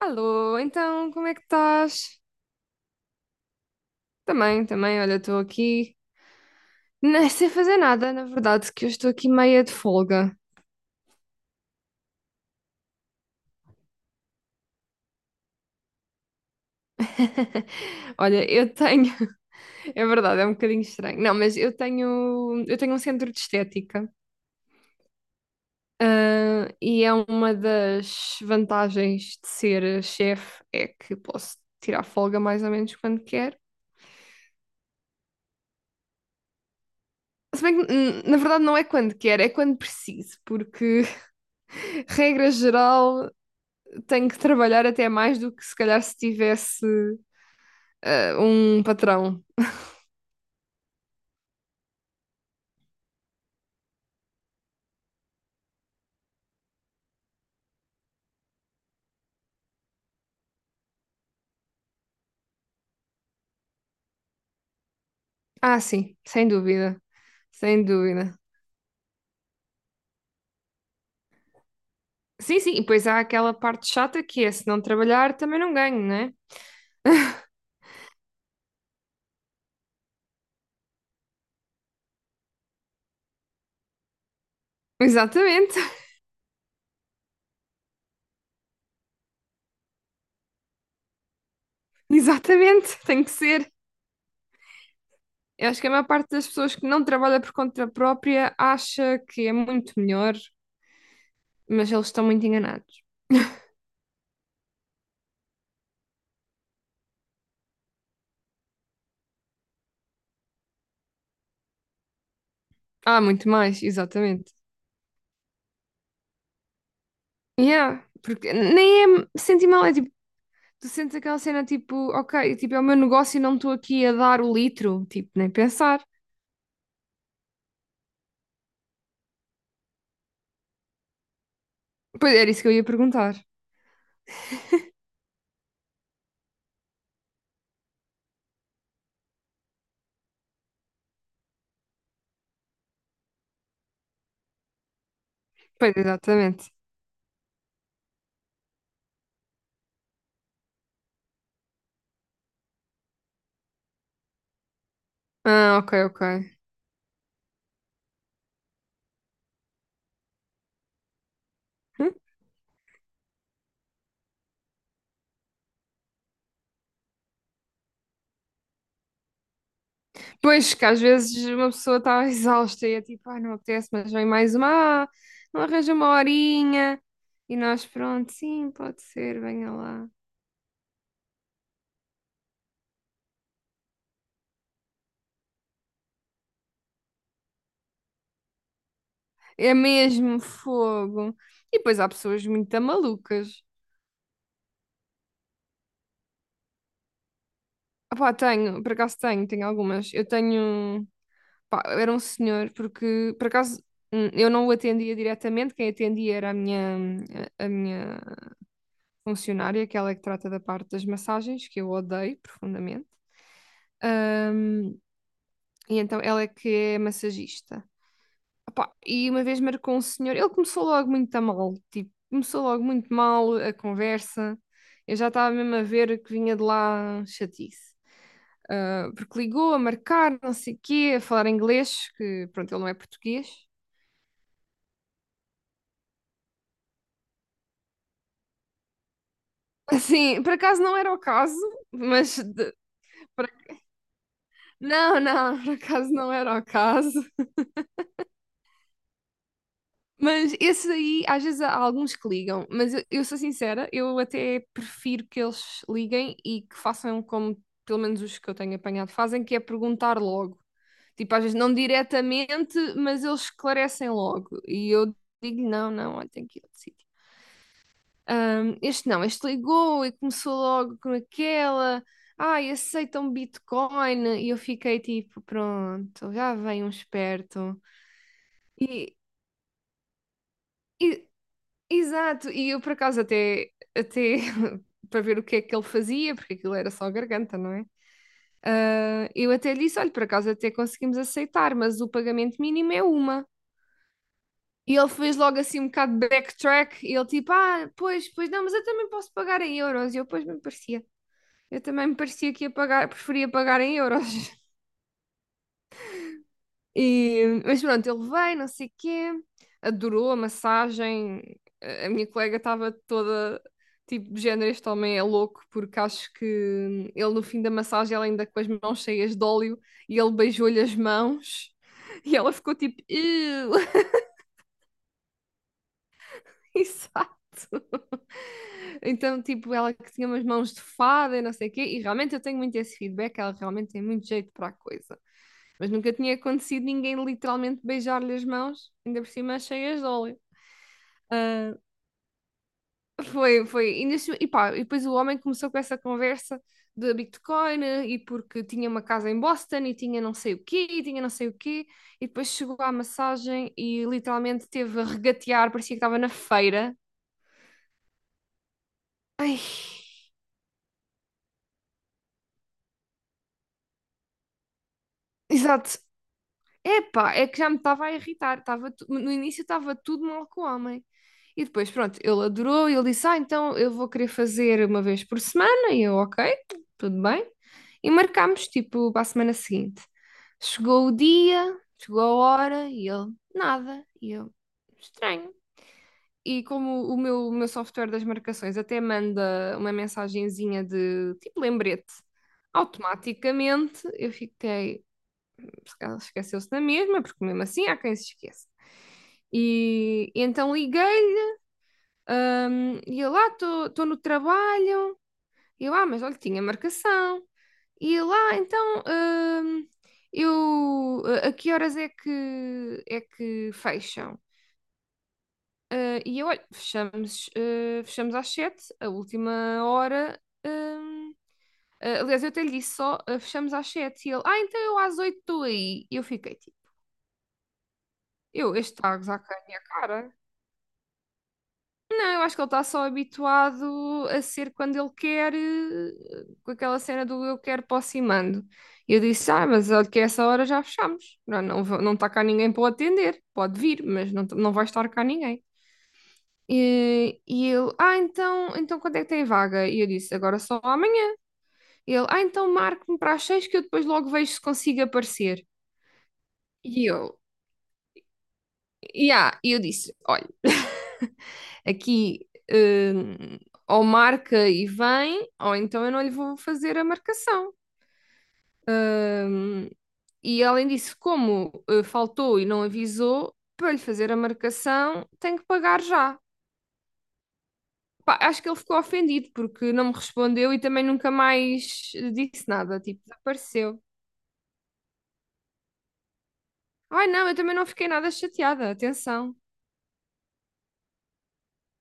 Alô, então, como é que estás? Também, também, olha, estou aqui nem sem fazer nada, na verdade, que eu estou aqui meia de folga. Olha, eu tenho, é verdade, é um bocadinho estranho. Não, mas eu tenho um centro de estética, e é uma das vantagens de ser chefe é que posso tirar folga mais ou menos quando quero. Se bem que, na verdade, não é quando quero, é quando preciso, porque, regra geral, tenho que trabalhar até mais do que se calhar se tivesse um patrão. Ah, sim, sem dúvida. Sem dúvida. Sim, sim, e pois há aquela parte chata que é se não trabalhar também não ganho, não é? Exatamente, exatamente, tem que ser. Eu acho que a maior parte das pessoas que não trabalha por conta própria acha que é muito melhor, mas eles estão muito enganados. Ah, muito mais, exatamente. Yeah, porque nem é sentir mal, é tipo, tu sentes aquela cena tipo, ok, tipo, é o meu negócio e não estou aqui a dar o litro, tipo, nem pensar. Pois era isso que eu ia perguntar. Pois, exatamente. Ah, ok, ok. Hum? Pois, que às vezes uma pessoa está exausta e é tipo, ah, não apetece, mas vem mais uma, ah, não arranja uma horinha. E nós, pronto, sim, pode ser, venha lá. É mesmo fogo. E depois há pessoas muito malucas. Ah, pá, tenho, por acaso tenho, tenho algumas. Eu tenho. Pá, era um senhor, porque por acaso eu não o atendia diretamente, quem atendia era a minha, a minha funcionária, que aquela que trata da parte das massagens, que eu odeio profundamente. Hum, e então ela é que é massagista. Opá, e uma vez marcou um senhor, ele começou logo muito a mal, tipo, começou logo muito mal a conversa. Eu já estava mesmo a ver que vinha de lá chatice. Ah, porque ligou a marcar, não sei o quê, a falar inglês, que pronto, ele não é português. Sim, por acaso não era o caso, mas por- não, não, por acaso não era o caso. Mas esses aí, às vezes há alguns que ligam, mas eu sou sincera, eu até prefiro que eles liguem e que façam como pelo menos os que eu tenho apanhado fazem, que é perguntar logo. Tipo, às vezes não diretamente, mas eles esclarecem logo. E eu digo, não, não, olha, tenho que ir ao. Este não, este ligou e começou logo com aquela. Ai, aceitam Bitcoin. E eu fiquei tipo, pronto, já vem um esperto. E, e- exato, e eu por acaso até, até para ver o que é que ele fazia, porque aquilo era só garganta, não é? Ah, eu até lhe disse, olha, por acaso até conseguimos aceitar, mas o pagamento mínimo é uma. E ele fez logo assim um bocado de backtrack, e ele tipo, ah, pois, pois não, mas eu também posso pagar em euros. E eu, pois, me parecia. Eu também me parecia que ia pagar, preferia pagar em euros. E, mas pronto, ele veio, não sei o quê, adorou a massagem. A minha colega estava toda tipo de género, este homem é louco, porque acho que ele no fim da massagem, ela ainda com as mãos cheias de óleo, e ele beijou-lhe as mãos, e ela ficou tipo, exato. Então, tipo, ela que tinha umas mãos de fada e não sei o quê, e realmente eu tenho muito esse feedback, ela realmente tem muito jeito para a coisa. Mas nunca tinha acontecido ninguém literalmente beijar-lhe as mãos, ainda por cima cheias de óleo. Ah, foi, foi. E, e pá, e depois o homem começou com essa conversa de Bitcoin e porque tinha uma casa em Boston e tinha não sei o quê, e tinha não sei o quê, e depois chegou à massagem e literalmente teve a regatear, parecia que estava na feira. Ai, exato, epá, é que já me estava a irritar. No início estava tudo mal com o homem. E depois, pronto, ele adorou, e ele disse: Ah, então eu vou querer fazer uma vez por semana. E eu, ok, tudo bem. E marcámos, tipo, para a semana seguinte. Chegou o dia, chegou a hora, e ele, nada. E eu, estranho. E como o meu software das marcações até manda uma mensagenzinha de tipo lembrete automaticamente, eu fiquei, porque ela esqueceu-se da mesma, porque mesmo assim há quem se esqueça. E então liguei-lhe e eu lá estou no trabalho, e eu, lá, ah, mas olha, tinha marcação. E eu lá, então, eu, a que horas é que fecham? Ah, e eu, olha, fechamos, ah, fechamos às sete, a última hora. hum, ah, aliás, eu até lhe disse só, ah, fechamos às sete. E ele, ah, então eu às oito estou aí. E eu fiquei tipo. Eu, este está a gozar com a minha cara. Não, eu acho que ele está só habituado a ser quando ele quer, com aquela cena do eu quero, posso e mando. E eu disse, ah, mas olha que a essa hora já fechamos. Não, não, não está cá ninguém para o atender. Pode vir, mas não, não vai estar cá ninguém. E ele, ah, então, então quando é que tem vaga? E eu disse, agora só amanhã. E ele, ah, então marque-me para as seis que eu depois logo vejo se consigo aparecer. E eu, yeah, e eu disse, olha. Aqui hum, ou marca e vem, ou então eu não lhe vou fazer a marcação. Hum, e além disso, como faltou e não avisou, para lhe fazer a marcação, tem que pagar já. Pá, acho que ele ficou ofendido porque não me respondeu e também nunca mais disse nada, tipo, desapareceu. Ai não, eu também não fiquei nada chateada, atenção.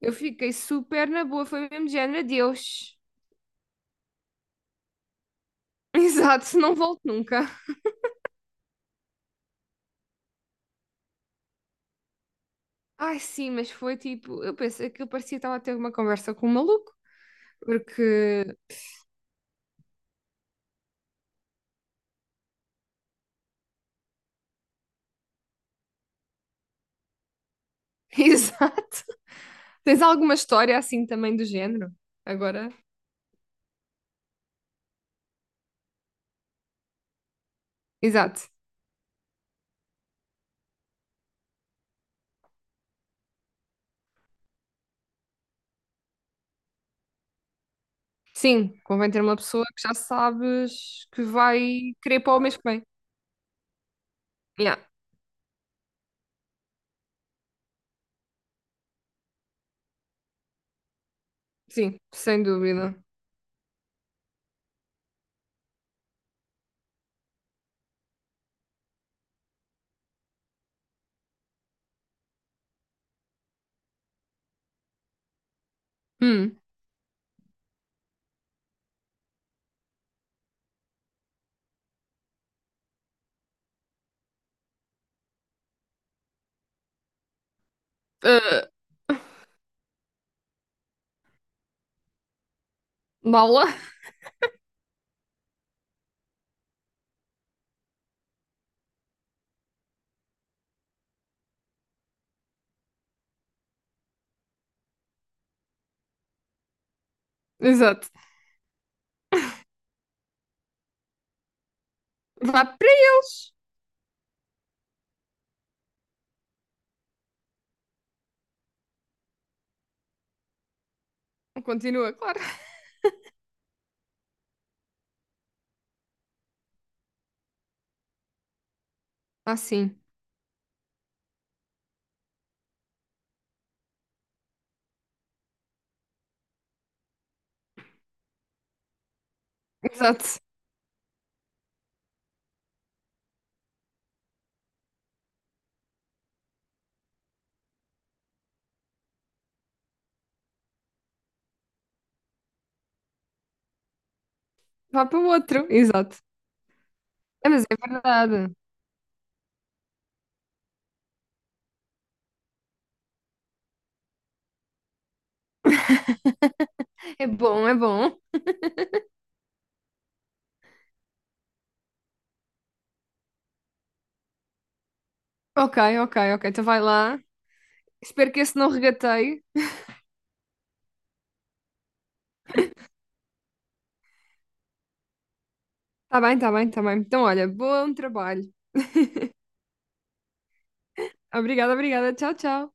Eu fiquei super na boa, foi mesmo de género, adeus. Exato, não volto nunca. Ai, sim, mas foi tipo, eu pensei que eu parecia que estava a ter uma conversa com um maluco, porque. Exato. Tens alguma história assim também do género? Agora? Exato. Sim, convém ter uma pessoa que já sabes que vai querer para o mês que vem. Yeah, sim, sem dúvida. Hum. eh, mala? Exato. Vá para eles. Continua, claro. Ah, sim. Exato. Vá para o outro. Exato. É, mas é verdade. É bom, é bom. Ok, ok, ok. Então vai lá. Espero que esse não regateie. Tá bem, tá bem, tá bem. Então, olha, bom trabalho. Obrigada, obrigada. Tchau, tchau.